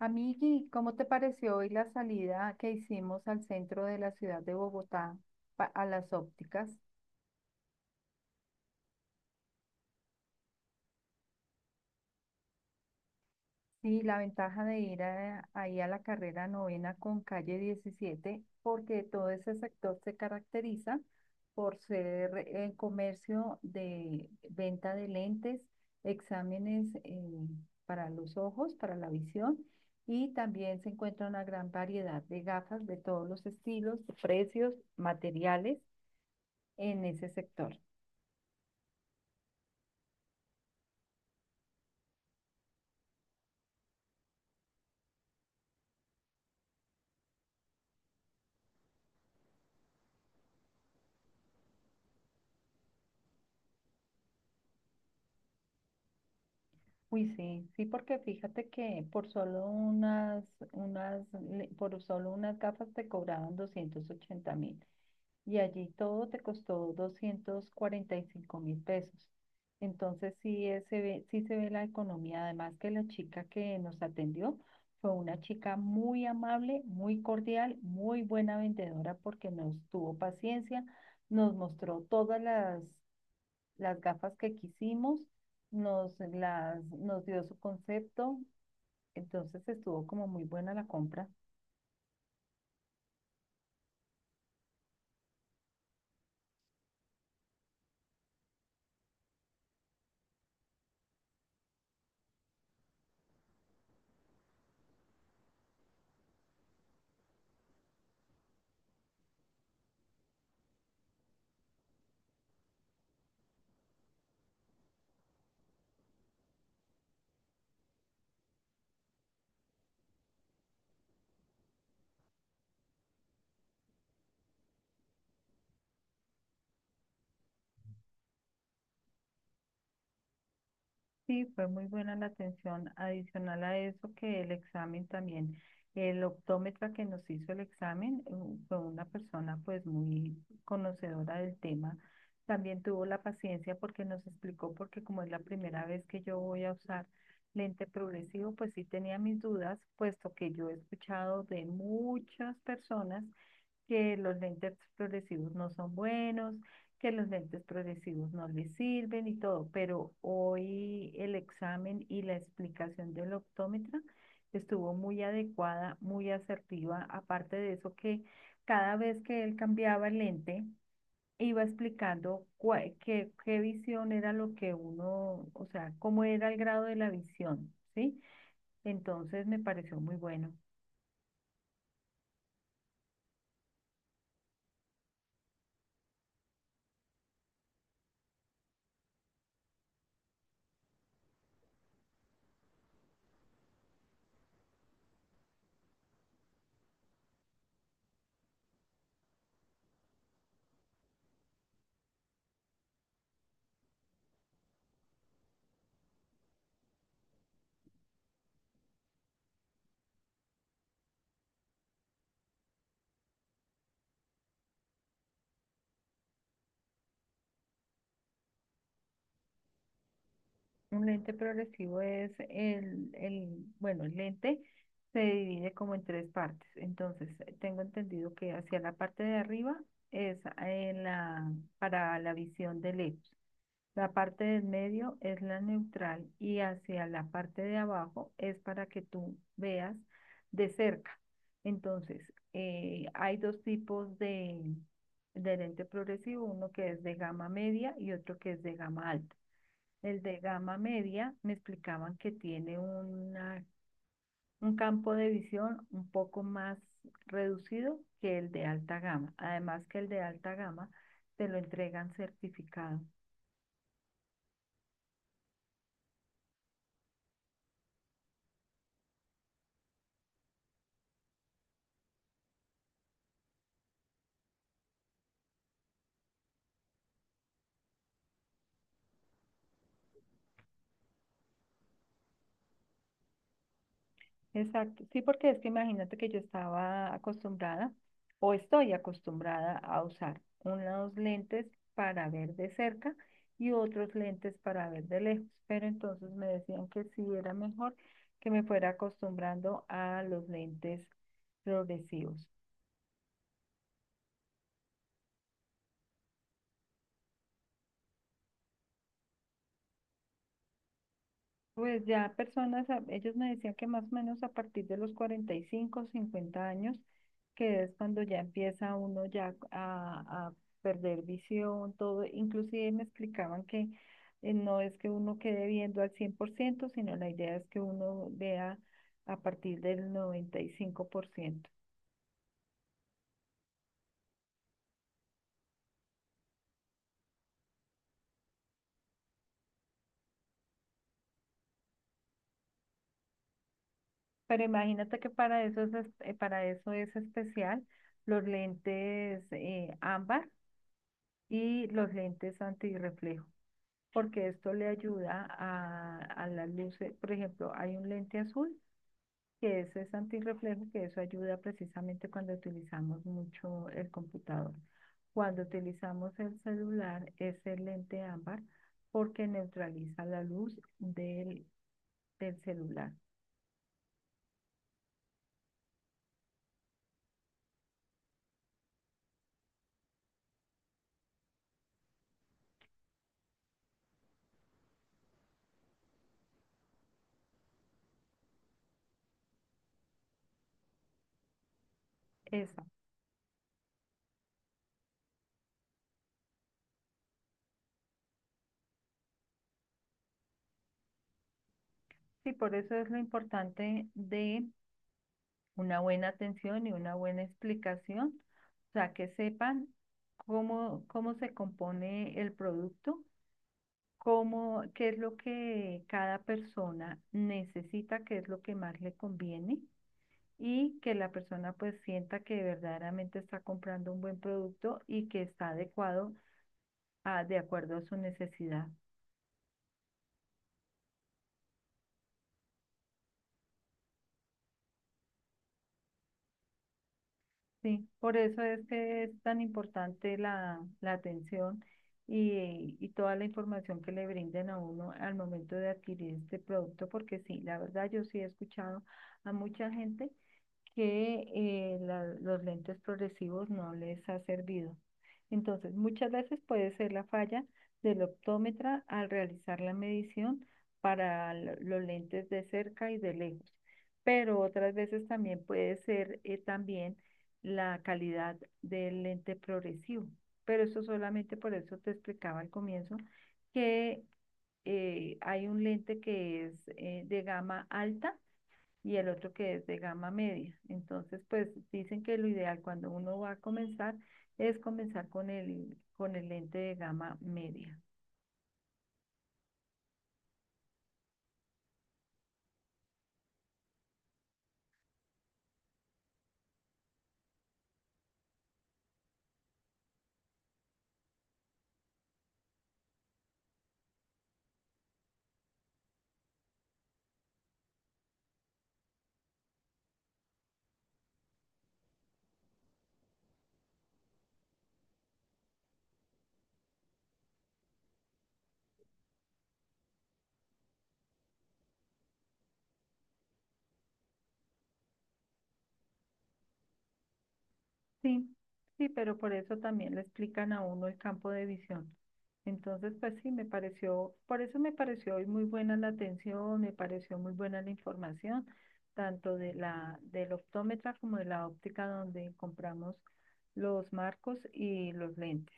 Amigui, ¿cómo te pareció hoy la salida que hicimos al centro de la ciudad de Bogotá a las ópticas? Sí, la ventaja de ir ahí a la carrera novena con calle 17, porque todo ese sector se caracteriza por ser comercio de venta de lentes, exámenes para los ojos, para la visión, y también se encuentra una gran variedad de gafas de todos los estilos, precios, materiales en ese sector. Uy, sí, sí, porque fíjate que por solo por solo unas gafas te cobraban 280.000 y allí todo te costó 245.000 pesos. Entonces sí, se ve, sí se ve la economía. Además que la chica que nos atendió fue una chica muy amable, muy cordial, muy buena vendedora porque nos tuvo paciencia, nos mostró todas las gafas que quisimos, nos dio su concepto, entonces estuvo como muy buena la compra. Sí, fue muy buena la atención. Adicional a eso que el examen también, el optómetra que nos hizo el examen fue una persona pues muy conocedora del tema. También tuvo la paciencia porque nos explicó, porque como es la primera vez que yo voy a usar lente progresivo, pues sí tenía mis dudas, puesto que yo he escuchado de muchas personas que los lentes progresivos no son buenos, que los lentes progresivos no les sirven y todo, pero hoy el examen y la explicación del optómetra estuvo muy adecuada, muy asertiva, aparte de eso que cada vez que él cambiaba el lente, iba explicando cuál, qué, qué visión era lo que uno, o sea, cómo era el grado de la visión, ¿sí? Entonces me pareció muy bueno. Un lente progresivo es bueno, el lente se divide como en tres partes. Entonces, tengo entendido que hacia la parte de arriba es en la, para la visión de lejos. La parte del medio es la neutral y hacia la parte de abajo es para que tú veas de cerca. Entonces, hay de lente progresivo, uno que es de gama media y otro que es de gama alta. El de gama media me explicaban que tiene un campo de visión un poco más reducido que el de alta gama. Además que el de alta gama te lo entregan certificado. Exacto, sí, porque es que imagínate que yo estaba acostumbrada o estoy acostumbrada a usar unos lentes para ver de cerca y otros lentes para ver de lejos, pero entonces me decían que sí era mejor que me fuera acostumbrando a los lentes progresivos. Pues ya personas, ellos me decían que más o menos a partir de los 45 50 años, que es cuando ya empieza uno ya a perder visión, todo, inclusive me explicaban que no es que uno quede viendo al 100%, sino la idea es que uno vea a partir del 95%. Pero imagínate que para eso es especial los lentes ámbar y los lentes antirreflejo, porque esto le ayuda a las luces. Por ejemplo, hay un lente azul es antirreflejo, que eso ayuda precisamente cuando utilizamos mucho el computador. Cuando utilizamos el celular es el lente ámbar porque neutraliza la luz del celular. Esa. Sí, por eso es lo importante de una buena atención y una buena explicación, o sea, que sepan cómo, cómo se compone el producto, cómo, qué es lo que cada persona necesita, qué es lo que más le conviene y que la persona pues sienta que verdaderamente está comprando un buen producto y que está adecuado de acuerdo a su necesidad. Sí, por eso es que es tan importante la atención y toda la información que le brinden a uno al momento de adquirir este producto, porque sí, la verdad yo sí he escuchado a mucha gente que los lentes progresivos no les ha servido. Entonces, muchas veces puede ser la falla del optómetra al realizar la medición para los lentes de cerca y de lejos, pero otras veces también puede ser también la calidad del lente progresivo. Pero eso solamente, por eso te explicaba al comienzo que hay un lente que es de gama alta y el otro que es de gama media. Entonces, pues dicen que lo ideal cuando uno va a comenzar es comenzar con con el lente de gama media. Sí, sí, pero por eso también le explican a uno el campo de visión. Entonces, pues sí, me pareció, por eso me pareció hoy muy buena la atención, me pareció muy buena la información, tanto de del optómetra como de la óptica donde compramos los marcos y los lentes.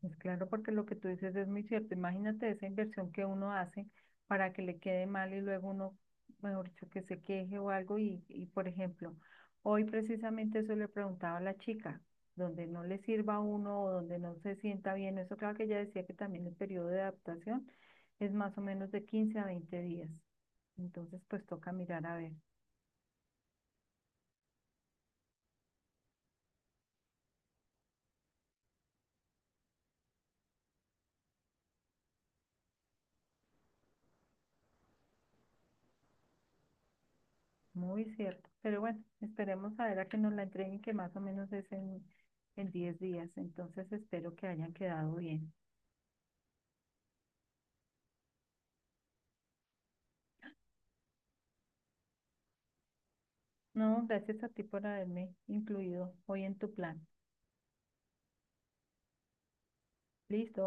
Pues claro, porque lo que tú dices es muy cierto. Imagínate esa inversión que uno hace para que le quede mal y luego uno, mejor dicho, que se queje o algo. Y por ejemplo, hoy precisamente eso le preguntaba a la chica, donde no le sirva a uno o donde no se sienta bien. Eso, claro, que ella decía que también el periodo de adaptación es más o menos de 15 a 20 días. Entonces, pues toca mirar a ver. Muy cierto. Pero bueno, esperemos a ver a que nos la entreguen, que más o menos es en 10 días. Entonces espero que hayan quedado bien. No, gracias a ti por haberme incluido hoy en tu plan. Listo.